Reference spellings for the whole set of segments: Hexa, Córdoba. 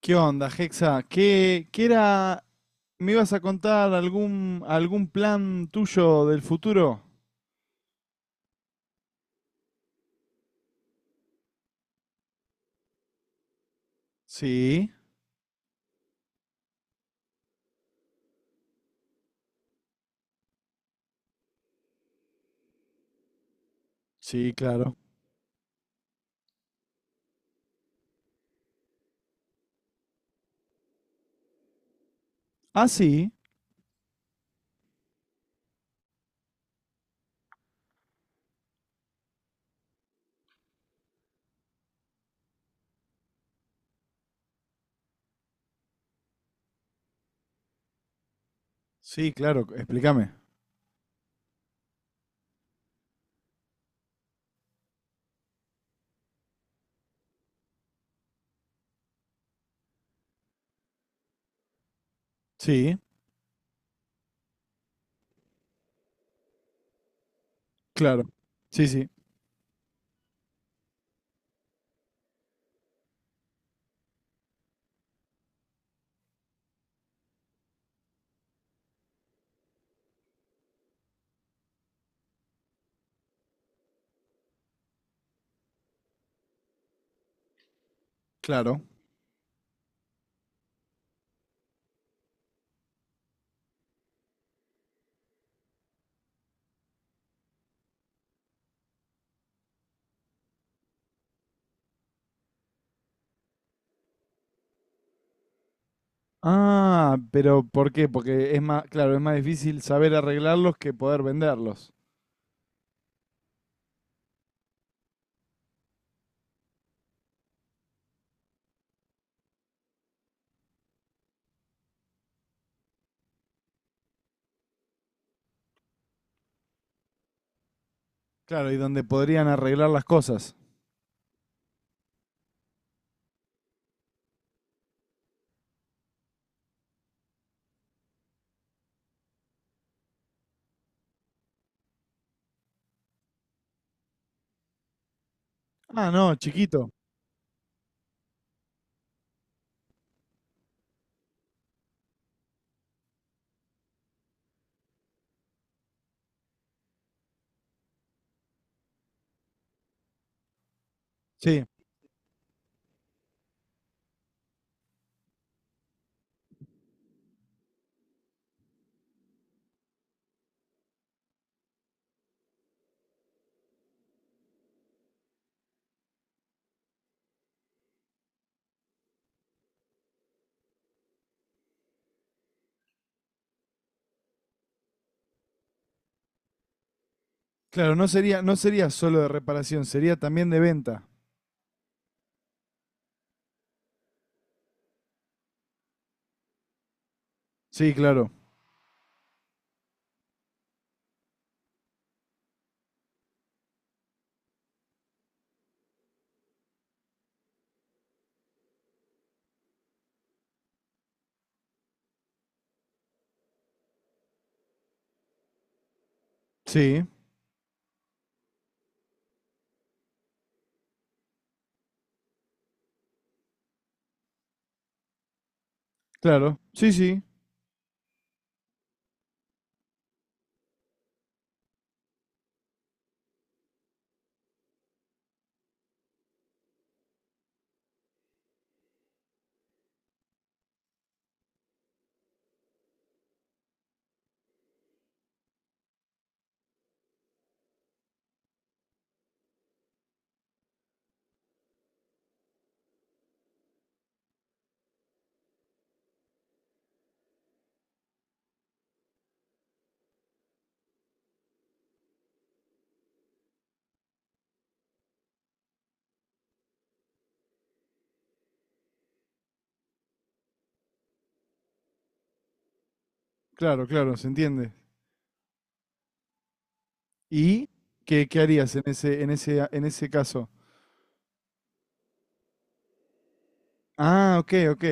¿Qué onda, Hexa? ¿Qué era? ¿Me ibas a contar algún plan tuyo del futuro? Sí, sí, claro. Ah, sí, claro, explícame. Sí, claro. Sí, claro. Ah, pero ¿por qué? Porque es más, claro, es más difícil saber arreglarlos que poder venderlos. Claro, y donde podrían arreglar las cosas. Ah, no, chiquito. Sí, claro, no sería solo de reparación, sería también de venta. Sí, claro. Sí. Claro, sí, sí, claro, claro, se entiende. ¿Y qué harías en ese caso? Ah, ok, ok.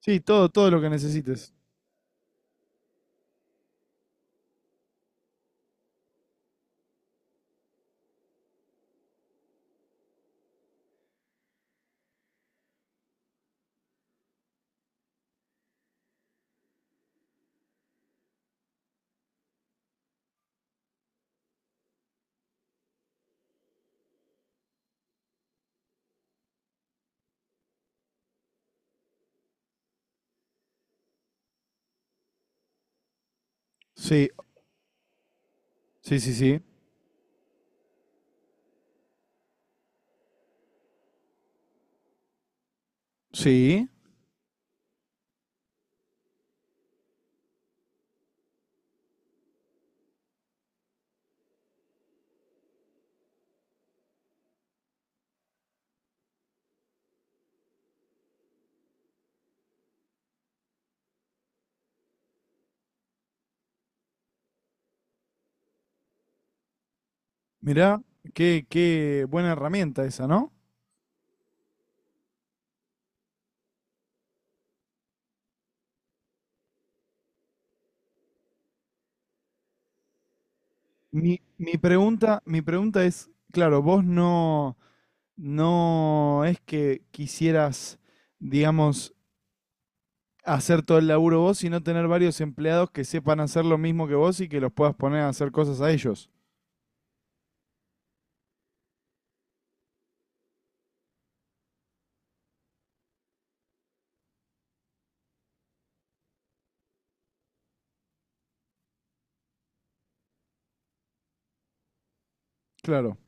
Sí, todo, todo lo que necesites. Sí, sí, sí, sí. Sí. Mirá, qué buena herramienta esa, ¿no? Mi pregunta es, claro, vos no, no es que quisieras, digamos, hacer todo el laburo vos, sino tener varios empleados que sepan hacer lo mismo que vos y que los puedas poner a hacer cosas a ellos. Claro.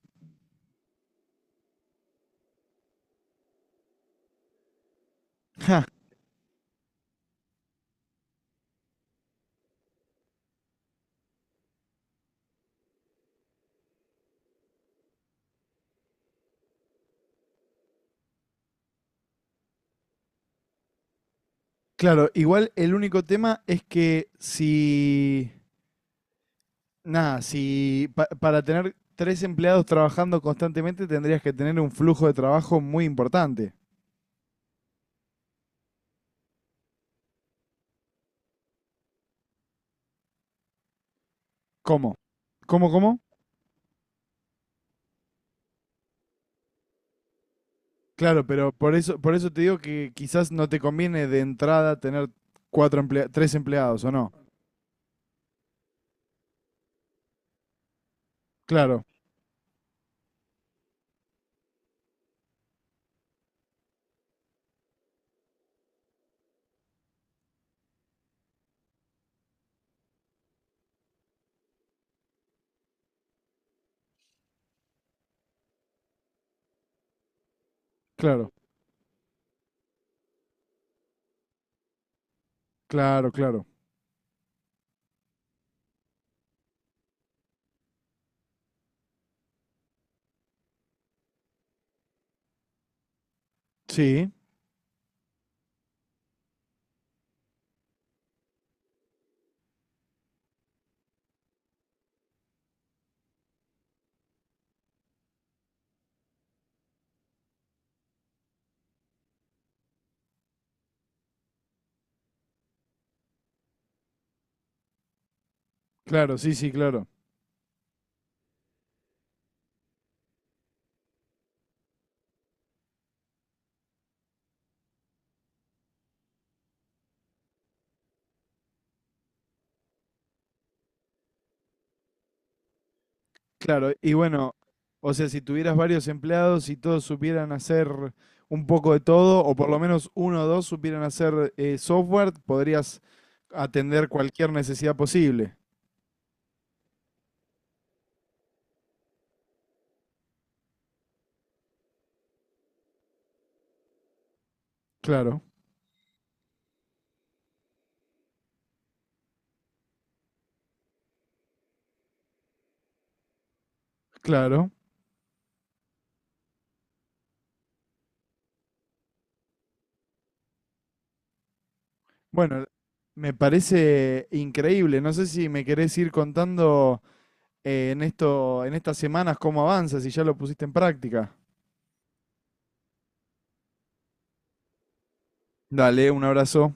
Claro, igual el único tema es que si, nada, si para tener tres empleados trabajando constantemente tendrías que tener un flujo de trabajo muy importante. ¿Cómo? ¿Cómo? Claro, pero por eso te digo que quizás no te conviene de entrada tener tres empleados, ¿o no? Claro, claro, claro, claro. Sí, claro, sí, sí, claro. Claro, y bueno, o sea, si tuvieras varios empleados y todos supieran hacer un poco de todo, o por lo menos uno o dos supieran hacer software, podrías atender cualquier necesidad posible. Claro, claro. Bueno, me parece increíble. No sé si me querés ir contando en esto, en estas semanas cómo avanzas, si ya lo pusiste en práctica. Dale, un abrazo.